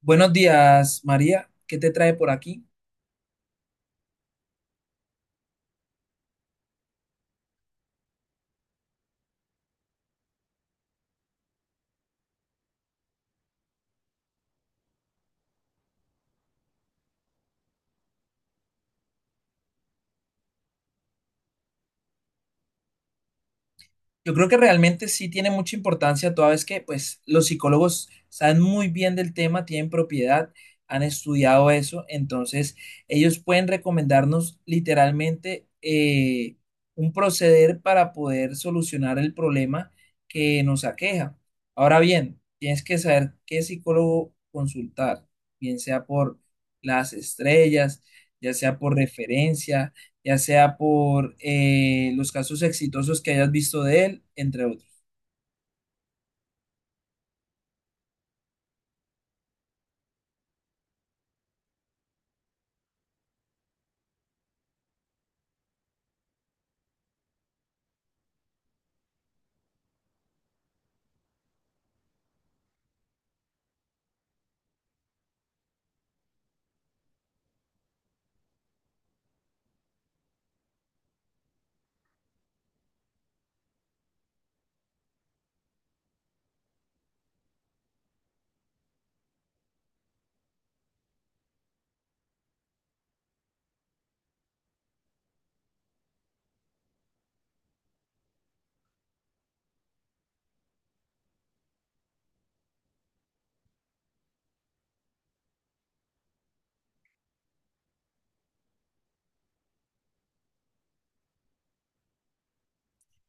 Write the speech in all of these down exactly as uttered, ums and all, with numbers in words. Buenos días, María. ¿Qué te trae por aquí? Yo creo que realmente sí tiene mucha importancia, toda vez que pues los psicólogos saben muy bien del tema, tienen propiedad, han estudiado eso, entonces ellos pueden recomendarnos literalmente eh, un proceder para poder solucionar el problema que nos aqueja. Ahora bien, tienes que saber qué psicólogo consultar, bien sea por las estrellas, ya sea por referencia, ya sea por eh, los casos exitosos que hayas visto de él, entre otros.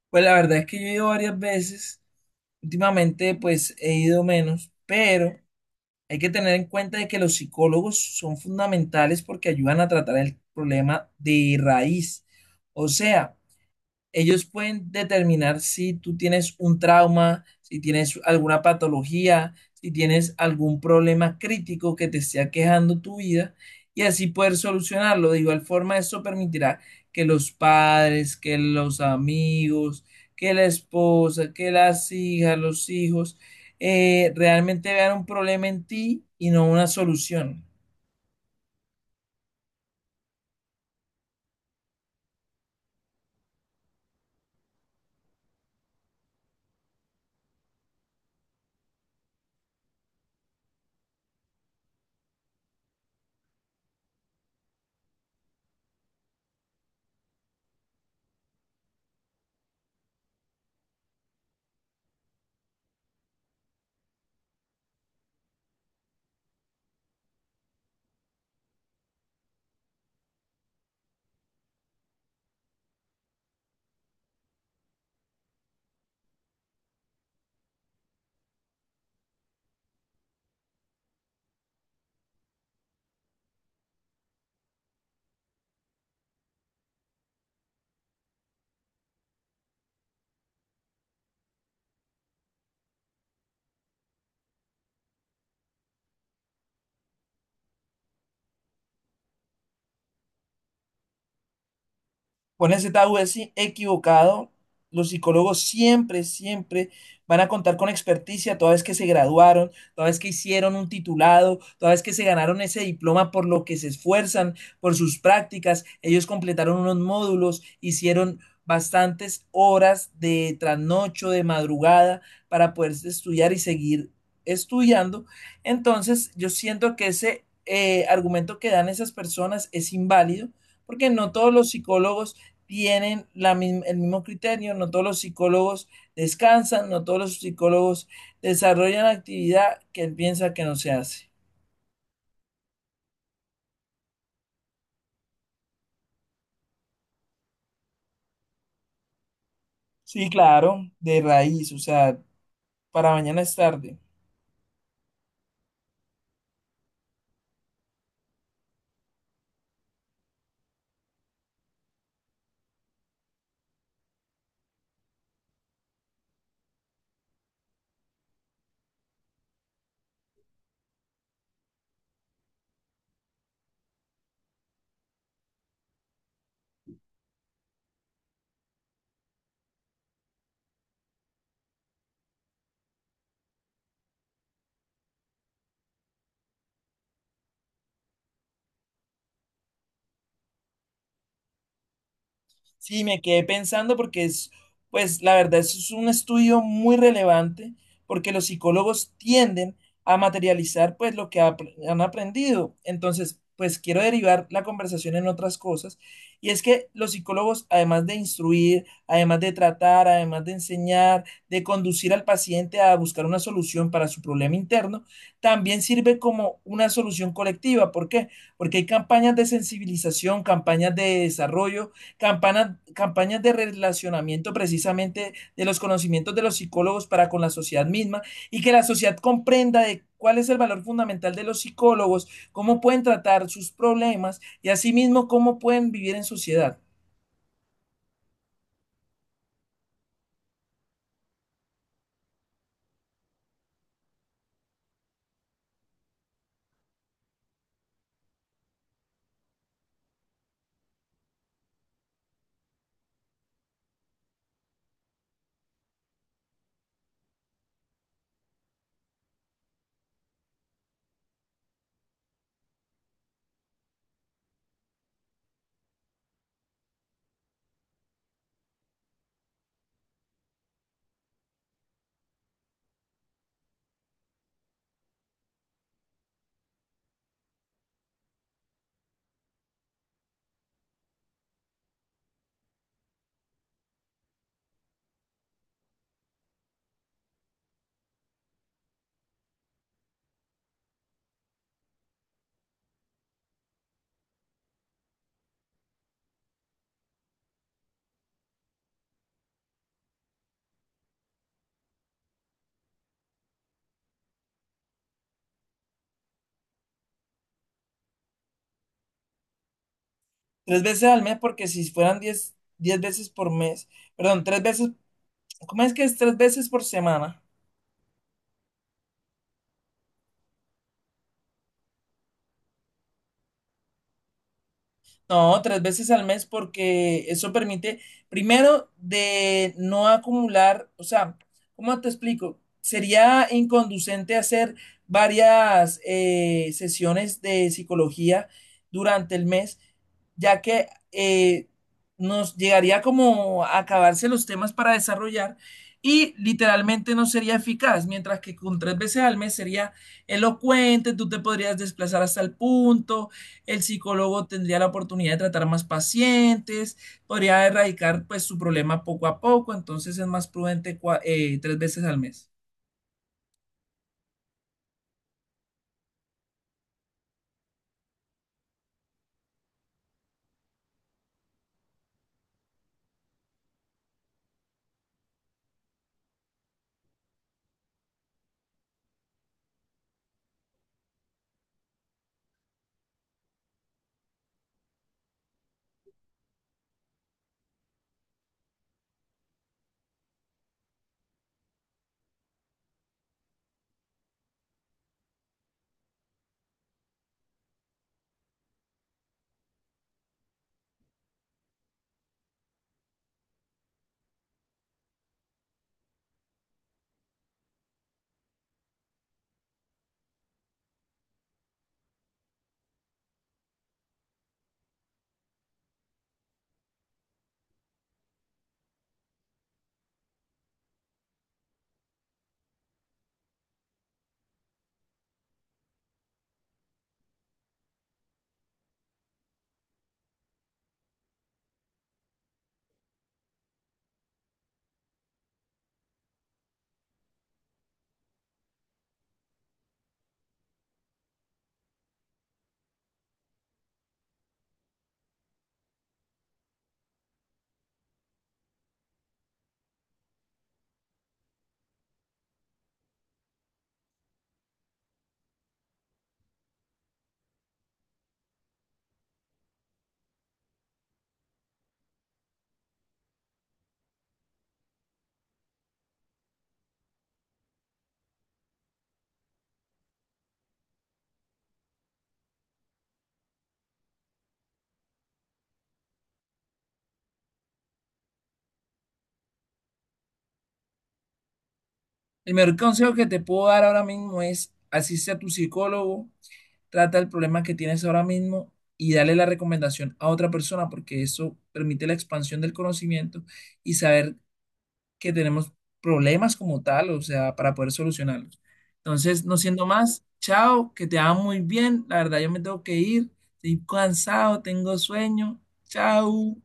Pues la verdad es que yo he ido varias veces, últimamente pues he ido menos, pero hay que tener en cuenta de que los psicólogos son fundamentales porque ayudan a tratar el problema de raíz. O sea, Ellos pueden determinar si tú tienes un trauma, si tienes alguna patología, si tienes algún problema crítico que te esté aquejando tu vida, y así poder solucionarlo. De igual forma, eso permitirá que los padres, que los amigos, que la esposa, que las hijas, los hijos, eh, realmente vean un problema en ti y no una solución. Con ese tabú es equivocado. Los psicólogos siempre, siempre van a contar con experticia toda vez que se graduaron, toda vez que hicieron un titulado, toda vez que se ganaron ese diploma por lo que se esfuerzan, por sus prácticas. Ellos completaron unos módulos, hicieron bastantes horas de trasnocho, de madrugada, para poder estudiar y seguir estudiando. Entonces, yo siento que ese eh, argumento que dan esas personas es inválido, porque no todos los psicólogos tienen la misma, el mismo criterio, no todos los psicólogos descansan, no todos los psicólogos desarrollan actividad que él piensa que no se hace. Sí, claro, de raíz, o sea, para mañana es tarde. Sí, me quedé pensando porque es, pues la verdad, eso es un estudio muy relevante porque los psicólogos tienden a materializar pues lo que apr- han aprendido. Entonces, pues quiero derivar la conversación en otras cosas, y es que los psicólogos, además de instruir, además de tratar, además de enseñar, de conducir al paciente a buscar una solución para su problema interno, también sirve como una solución colectiva. ¿Por qué? Porque hay campañas de sensibilización, campañas de desarrollo, campana- campañas de relacionamiento precisamente de los conocimientos de los psicólogos para con la sociedad misma, y que la sociedad comprenda de cuál es el valor fundamental de los psicólogos, cómo pueden tratar sus problemas y asimismo cómo pueden vivir en sociedad. Tres veces al mes, porque si fueran diez, diez veces por mes, perdón, tres veces, ¿cómo es que es tres veces por semana? No, tres veces al mes porque eso permite, primero, de no acumular, o sea, ¿cómo te explico? Sería inconducente hacer varias eh, sesiones de psicología durante el mes, ya que eh, nos llegaría como a acabarse los temas para desarrollar y literalmente no sería eficaz, mientras que con tres veces al mes sería elocuente, tú te podrías desplazar hasta el punto, el psicólogo tendría la oportunidad de tratar más pacientes, podría erradicar pues su problema poco a poco, entonces es más prudente cua- eh, tres veces al mes. El mejor consejo que te puedo dar ahora mismo es asiste a tu psicólogo, trata el problema que tienes ahora mismo y dale la recomendación a otra persona porque eso permite la expansión del conocimiento y saber que tenemos problemas como tal, o sea, para poder solucionarlos. Entonces, no siendo más, chao, que te va muy bien. La verdad, yo me tengo que ir, estoy cansado, tengo sueño. Chao.